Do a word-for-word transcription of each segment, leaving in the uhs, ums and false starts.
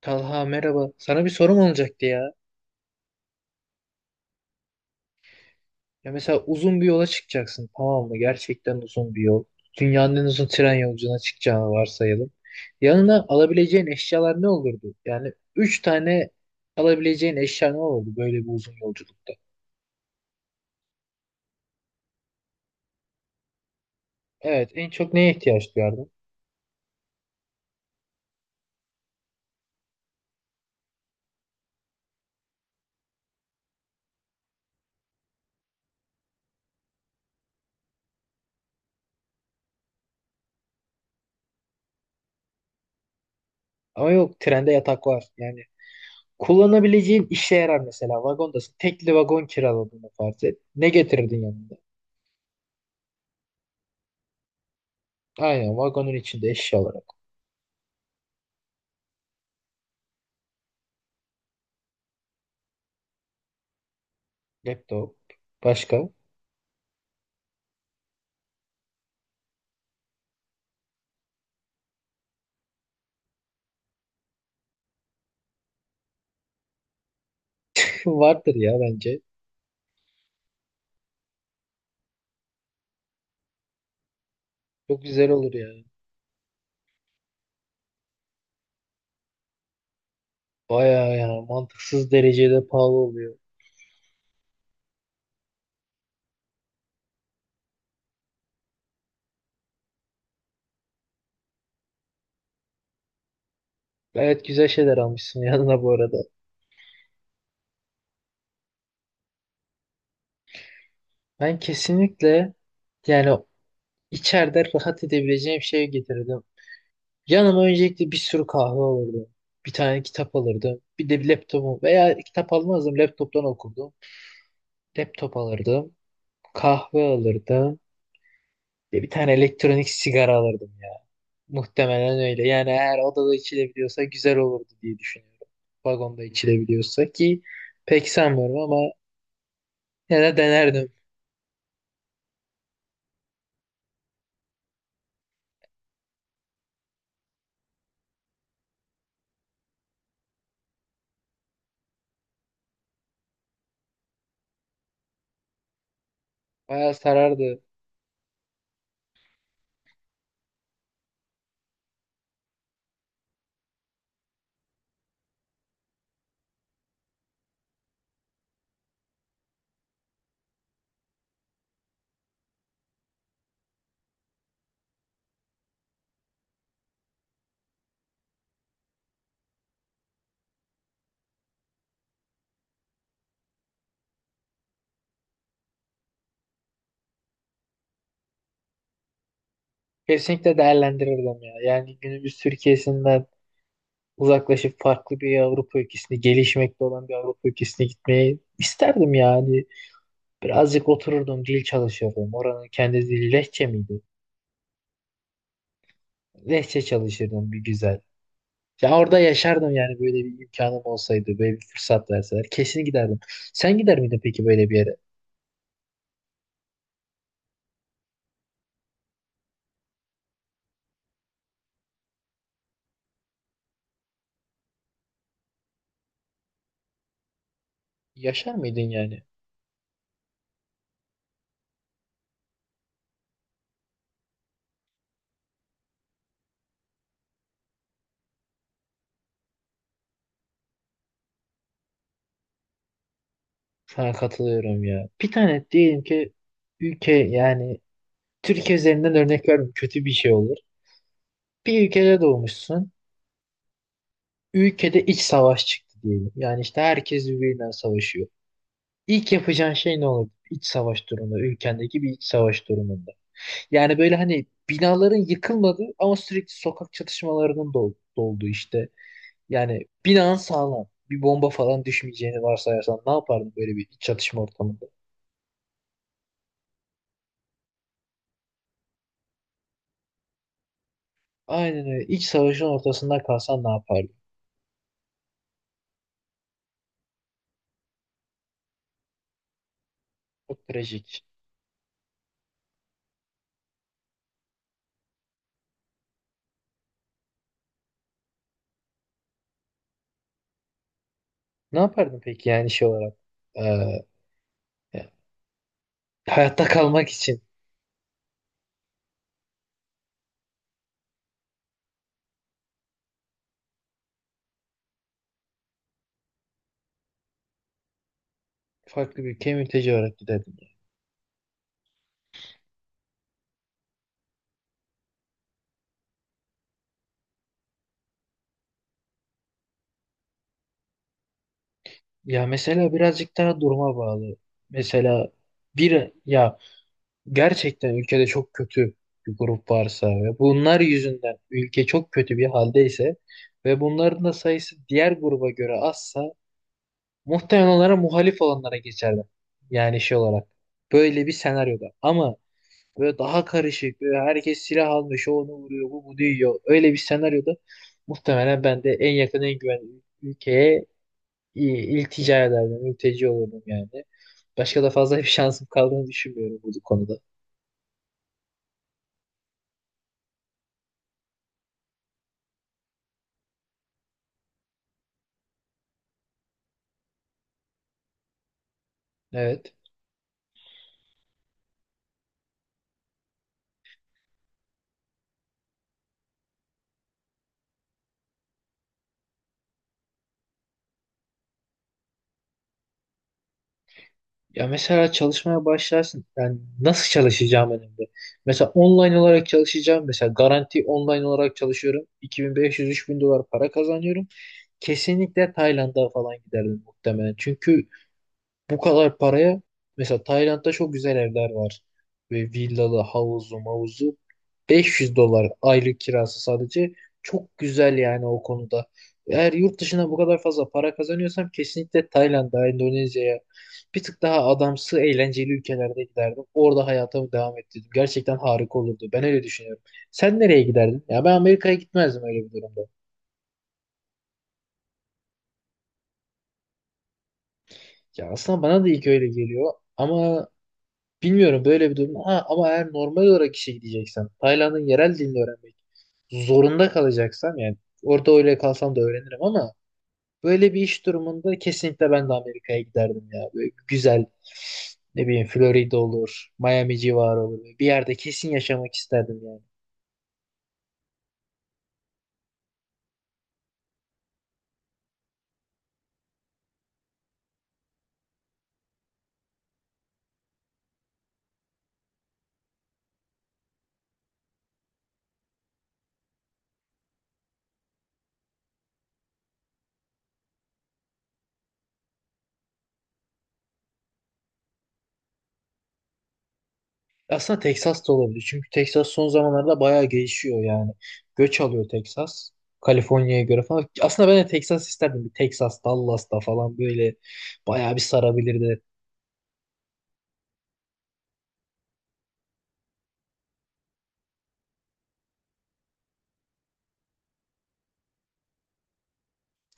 Talha merhaba. Sana bir sorum olacaktı ya. Ya mesela uzun bir yola çıkacaksın tamam mı? Gerçekten uzun bir yol. Dünyanın en uzun tren yolculuğuna çıkacağını varsayalım. Yanına alabileceğin eşyalar ne olurdu? Yani üç tane alabileceğin eşya ne olurdu böyle bir uzun yolculukta? Evet, en çok neye ihtiyaç duyardın? Ama yok, trende yatak var. Yani kullanabileceğin işe yarar mesela. Vagondasın. Tekli vagon kiraladığını farz et. Ne getirirdin yanında? Aynen, vagonun içinde eşya olarak. Laptop. Başka? Vardır ya bence. Çok güzel olur yani. Bayağı yani, mantıksız derecede pahalı oluyor. Gayet güzel şeyler almışsın yanına bu arada. Ben kesinlikle yani içeride rahat edebileceğim şey getirdim. Yanıma öncelikle bir sürü kahve alırdım. Bir tane kitap alırdım. Bir de bir laptopu veya kitap almazdım. Laptoptan okurdum. Laptop alırdım. Kahve alırdım ve bir tane elektronik sigara alırdım. Muhtemelen öyle. Yani eğer odada içilebiliyorsa güzel olurdu diye düşünüyorum. Vagonda içilebiliyorsa ki pek sanmıyorum ama yine denerdim. Bayağı sarardı. Kesinlikle değerlendirirdim ya. Yani günümüz Türkiye'sinden uzaklaşıp farklı bir Avrupa ülkesine, gelişmekte olan bir Avrupa ülkesine gitmeyi isterdim yani. Birazcık otururdum, dil çalışırdım. Oranın kendi dili Lehçe miydi? Lehçe çalışırdım bir güzel. Ya orada yaşardım yani, böyle bir imkanım olsaydı, böyle bir fırsat verseler. Kesin giderdim. Sen gider miydin peki böyle bir yere? Yaşar mıydın yani? Sana katılıyorum ya. Bir tane diyelim ki ülke, yani Türkiye üzerinden örnek vermem kötü bir şey olur. Bir ülkede doğmuşsun. Ülkede iç savaş çıktı diyelim. Yani işte herkes birbirinden savaşıyor. İlk yapacağın şey ne olur? İç savaş durumunda, ülkendeki bir iç savaş durumunda. Yani böyle hani binaların yıkılmadığı ama sürekli sokak çatışmalarının da ol- olduğu işte. Yani binan sağlam. Bir bomba falan düşmeyeceğini varsayarsan ne yapardın böyle bir iç çatışma ortamında? Aynen öyle. İç savaşın ortasında kalsan ne yapardın? Çok trajik. Ne yapardın peki yani şey olarak? Ee, ya, hayatta kalmak için farklı bir ülkeye mülteci olarak giderdin. Ya mesela birazcık daha duruma bağlı. Mesela bir ya, gerçekten ülkede çok kötü bir grup varsa ve bunlar yüzünden ülke çok kötü bir haldeyse ve bunların da sayısı diğer gruba göre azsa, muhtemelen onlara, muhalif olanlara geçerdim. Yani şey olarak. Böyle bir senaryoda. Ama böyle daha karışık. Böyle herkes silah almış. O onu vuruyor. Bu bunu yiyor. Öyle bir senaryoda muhtemelen ben de en yakın en güvenli ülkeye i- iltica ederdim. Mülteci olurdum yani. Başka da fazla bir şansım kaldığını düşünmüyorum bu konuda. Evet. Ya mesela çalışmaya başlarsın. Yani nasıl çalışacağım önemli. Mesela online olarak çalışacağım. Mesela garanti online olarak çalışıyorum. iki bin beş yüz üç bin dolar para kazanıyorum. Kesinlikle Tayland'a falan giderdim muhtemelen. Çünkü bu kadar paraya, mesela Tayland'da çok güzel evler var. Ve villalı, havuzlu, mavuzlu. beş yüz dolar aylık kirası sadece. Çok güzel yani o konuda. Eğer yurt dışına bu kadar fazla para kazanıyorsam kesinlikle Tayland'a, Endonezya'ya, bir tık daha adamsı, eğlenceli ülkelerde giderdim. Orada hayatımı devam ettirdim. Gerçekten harika olurdu. Ben öyle düşünüyorum. Sen nereye giderdin? Ya ben Amerika'ya gitmezdim öyle bir durumda. Ya aslında bana da ilk öyle geliyor ama bilmiyorum böyle bir durum. Ha, ama eğer normal olarak işe gideceksen, Tayland'ın yerel dilini öğrenmek zorunda kalacaksam yani, orada öyle kalsam da öğrenirim ama böyle bir iş durumunda kesinlikle ben de Amerika'ya giderdim ya. Böyle güzel, ne bileyim, Florida olur, Miami civarı olur. Bir yerde kesin yaşamak isterdim yani. Aslında Texas da olabilir. Çünkü Texas son zamanlarda bayağı gelişiyor yani. Göç alıyor Texas. Kaliforniya'ya göre falan. Aslında ben de Texas isterdim. Bir Texas, Dallas'ta falan böyle bayağı bir sarabilirdi.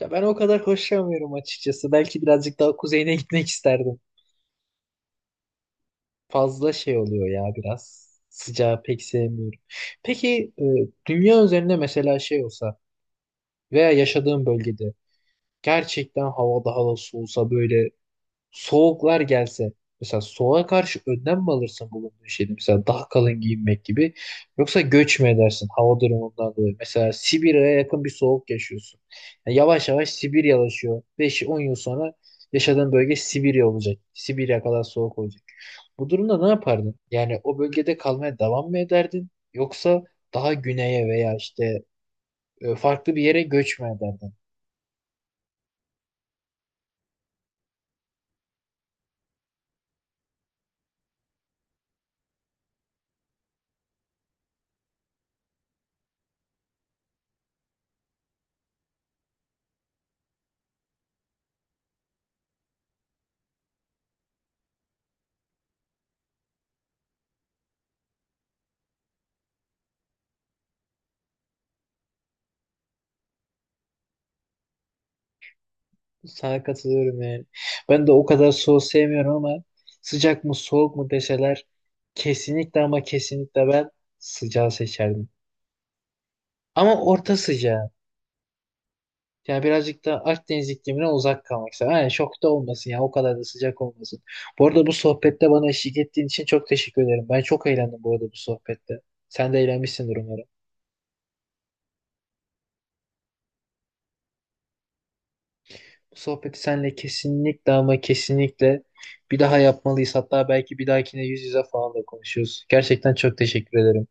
Ya ben o kadar hoşlanmıyorum açıkçası. Belki birazcık daha kuzeyine gitmek isterdim. Fazla şey oluyor ya biraz. Sıcağı pek sevmiyorum. Peki e, dünya üzerinde mesela şey olsa veya yaşadığım bölgede gerçekten hava daha da soğusa, böyle soğuklar gelse, mesela soğuğa karşı önlem mi alırsın bulunduğun şeyde, mesela daha kalın giyinmek gibi, yoksa göç mü edersin hava durumundan dolayı? Mesela Sibirya'ya yakın bir soğuk yaşıyorsun. Yani yavaş yavaş Sibiryalaşıyor, beş on yıl sonra yaşadığın bölge Sibirya olacak, Sibirya kadar soğuk olacak. Bu durumda ne yapardın yani? O bölgede kalmaya devam mı ederdin, yoksa daha güneye veya işte e, farklı bir yere göç mü ederdin? Sana katılıyorum yani. Ben de o kadar soğuk sevmiyorum ama sıcak mı soğuk mu deseler, kesinlikle ama kesinlikle ben sıcağı seçerdim. Ama orta sıcağı. Yani birazcık da Akdeniz iklimine uzak kalmak istedim. Yani çok da olmasın ya, o kadar da sıcak olmasın. Bu arada bu sohbette bana eşlik ettiğin için çok teşekkür ederim. Ben çok eğlendim bu arada bu sohbette. Sen de eğlenmişsindir umarım. Bu sohbeti seninle kesinlikle ama kesinlikle bir daha yapmalıyız. Hatta belki bir dahakine yüz yüze falan da konuşuyoruz. Gerçekten çok teşekkür ederim.